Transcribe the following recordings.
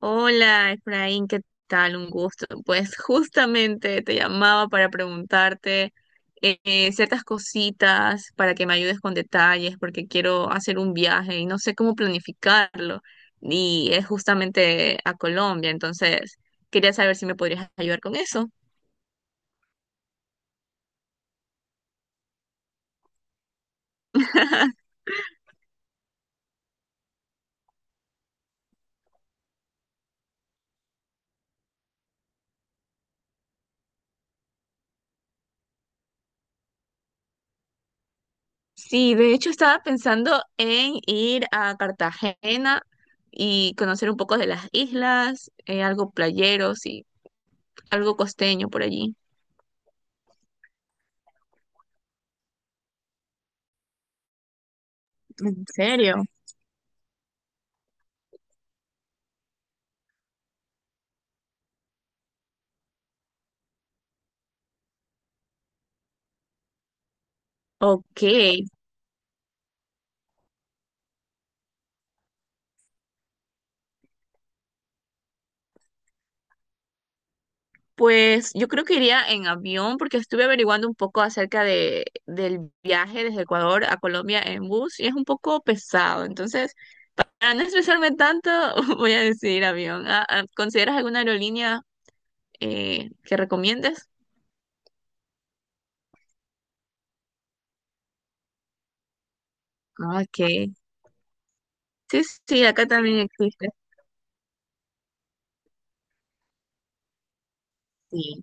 Hola, Efraín, ¿qué tal? Un gusto. Pues justamente te llamaba para preguntarte ciertas cositas para que me ayudes con detalles, porque quiero hacer un viaje y no sé cómo planificarlo. Y es justamente a Colombia, entonces quería saber si me podrías ayudar con eso. Sí, de hecho estaba pensando en ir a Cartagena y conocer un poco de las islas, algo playeros y algo costeño por allí. ¿En serio? Ok, pues yo creo que iría en avión porque estuve averiguando un poco acerca del viaje desde Ecuador a Colombia en bus y es un poco pesado. Entonces, para no estresarme tanto, voy a decidir avión. ¿Consideras alguna aerolínea que recomiendes? Ok, sí, sí, acá también existe. Sí.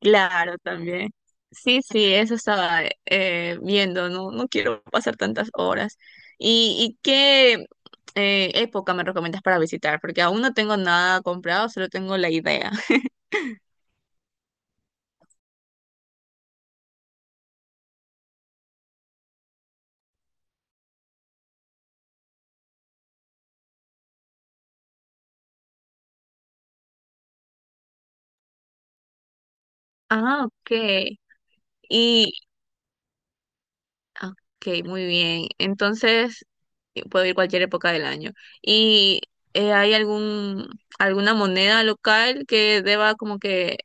Claro, también. Sí, sí, eso estaba viendo, no quiero pasar tantas horas. ¿Y qué época me recomiendas para visitar? Porque aún no tengo nada comprado, solo tengo la idea. Ah, ok. Y, ah, ok, muy bien. Entonces, puedo ir cualquier época del año. ¿Y hay alguna moneda local que deba como que,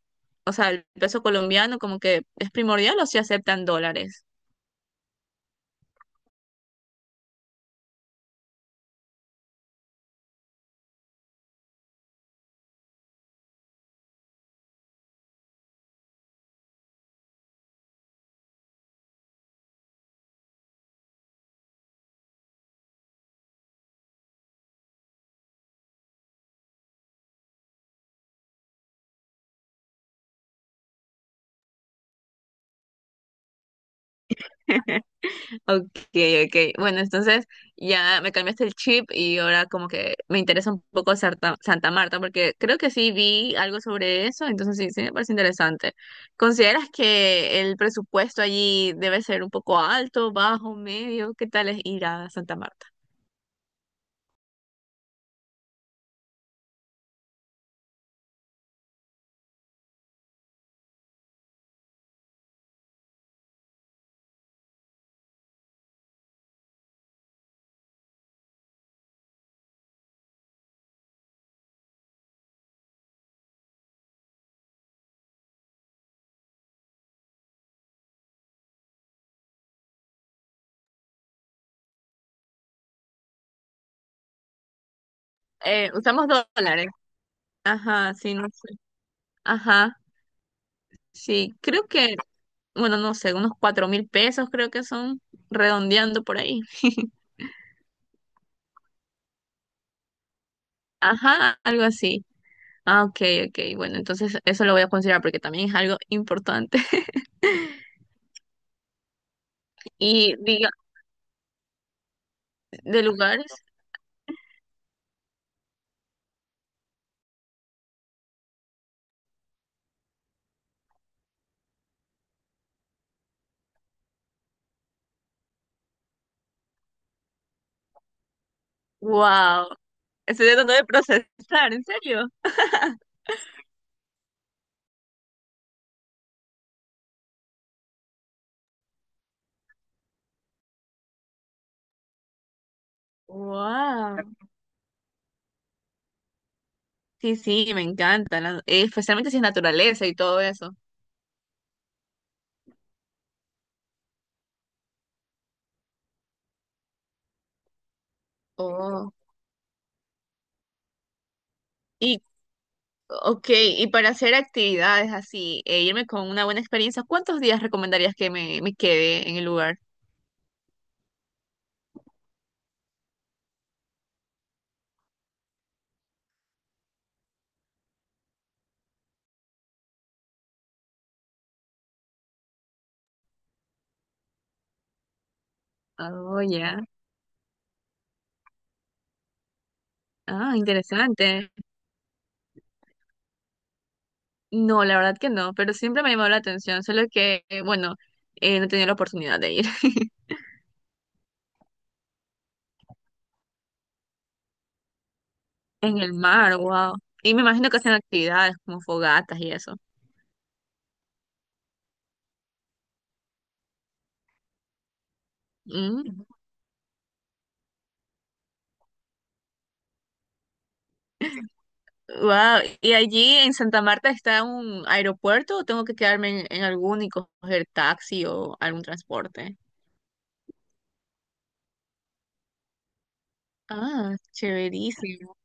o sea, el peso colombiano como que es primordial o si aceptan dólares? Ok, ok. Bueno, entonces ya me cambiaste el chip y ahora como que me interesa un poco Santa Marta porque creo que sí vi algo sobre eso, entonces sí, sí me parece interesante. ¿Consideras que el presupuesto allí debe ser un poco alto, bajo, medio? ¿Qué tal es ir a Santa Marta? Usamos dólares. Ajá, sí, no sé. Ajá, sí. Creo que, bueno, no sé, unos 4.000 pesos creo que son redondeando por ahí. Ajá, algo así. Ah, ok, ok. Bueno, entonces eso lo voy a considerar porque también es algo importante. Y diga, de lugares, wow. Estoy tratando de procesar, ¿en serio? Wow. Sí, sí, me encanta. Especialmente si es naturaleza y todo eso. Oh. Y, ok, y para hacer actividades así, e irme con una buena experiencia, ¿cuántos días recomendarías que me quede en el lugar? Oh, ya. Ah, interesante. No, la verdad que no, pero siempre me ha llamado la atención, solo que, bueno, no he tenido la oportunidad de ir. En el mar, wow. Y me imagino que hacen actividades como fogatas y eso. Wow. ¿Y allí en Santa Marta está un aeropuerto o tengo que quedarme en alguno y coger taxi o algún transporte? Ah, chéverísimo.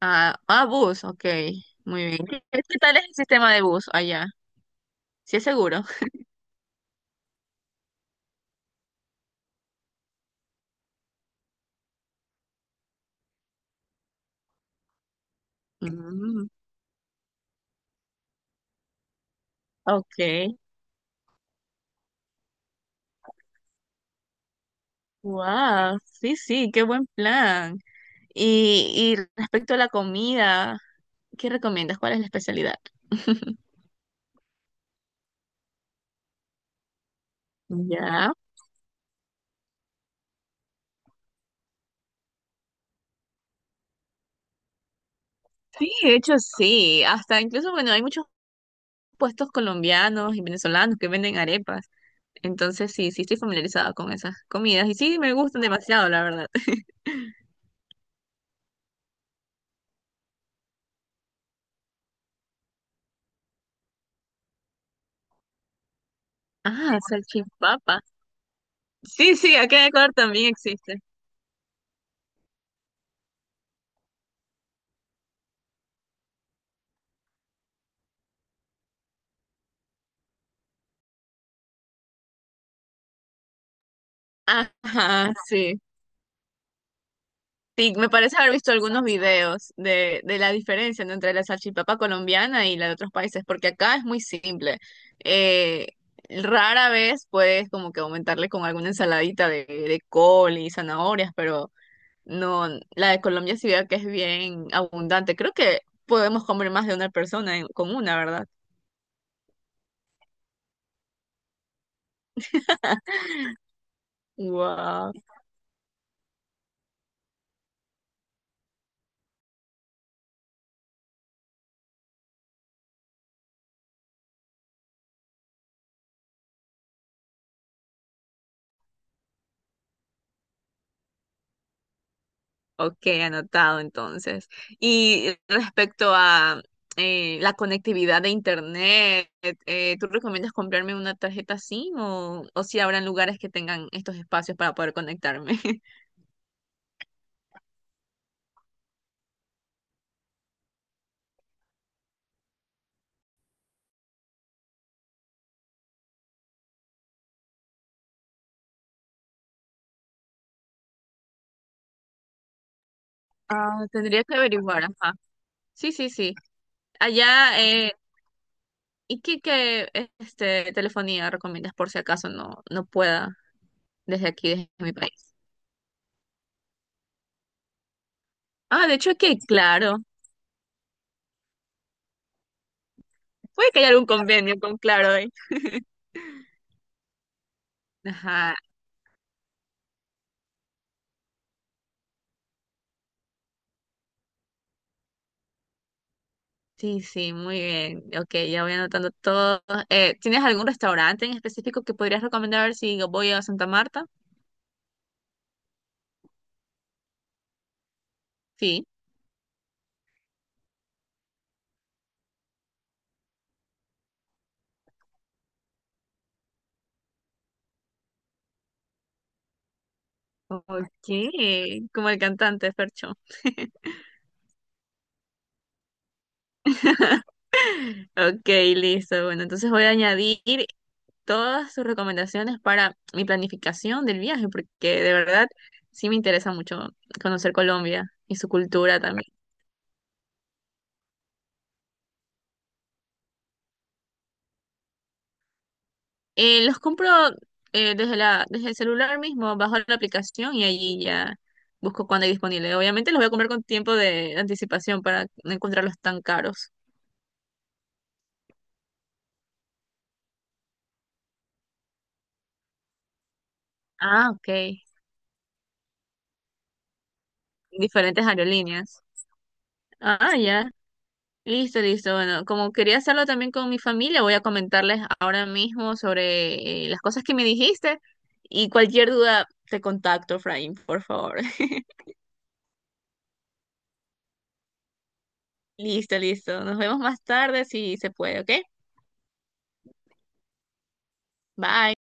Ah, ah, bus, ok. Muy bien. ¿Qué tal es el sistema de bus allá? ¿Sí es seguro? Mm, ok. Wow, sí, sí, qué buen plan. Y respecto a la comida, ¿qué recomiendas? ¿Cuál es la especialidad? Ya. Sí, de hecho sí, hasta incluso, bueno, hay muchos puestos colombianos y venezolanos que venden arepas, entonces sí, sí estoy familiarizada con esas comidas y sí, me gustan demasiado, la verdad. Ah, salchipapa. Sí, sí, acá en Ecuador también existe. Ajá, sí. Sí, me parece haber visto algunos videos de la diferencia, ¿no?, entre la salchipapa colombiana y la de otros países, porque acá es muy simple. Eh, rara vez puedes como que aumentarle con alguna ensaladita de col y zanahorias, pero no, la de Colombia sí veo que es bien abundante. Creo que podemos comer más de una persona con una, ¿verdad? Wow. Ok, anotado entonces. Y respecto a la conectividad de internet, ¿tú recomiendas comprarme una tarjeta SIM o si habrán lugares que tengan estos espacios para poder conectarme? Ah, tendría que averiguar, ajá. Sí, sí, sí. Allá, ¿y qué telefonía recomiendas por si acaso no pueda desde aquí, desde mi país? Ah, de hecho que Claro. Puede que haya algún convenio con Claro ahí. Ajá. Sí, sí, muy bien. Ok, ya voy anotando todo. ¿Tienes algún restaurante en específico que podrías recomendar si voy a Santa Marta? Sí. Ok, como el cantante Fercho. Ok, listo. Bueno, entonces voy a añadir todas sus recomendaciones para mi planificación del viaje, porque de verdad sí me interesa mucho conocer Colombia y su cultura también. Los compro desde el celular mismo, bajo la aplicación y allí ya busco cuándo hay disponible. Obviamente los voy a comprar con tiempo de anticipación para no encontrarlos tan caros. Ah, ok. Diferentes aerolíneas. Ah, ya. Listo, listo. Bueno, como quería hacerlo también con mi familia, voy a comentarles ahora mismo sobre las cosas que me dijiste y cualquier duda te contacto, Fraim, por favor. Listo, listo. Nos vemos más tarde si se puede, ¿ok? Bye.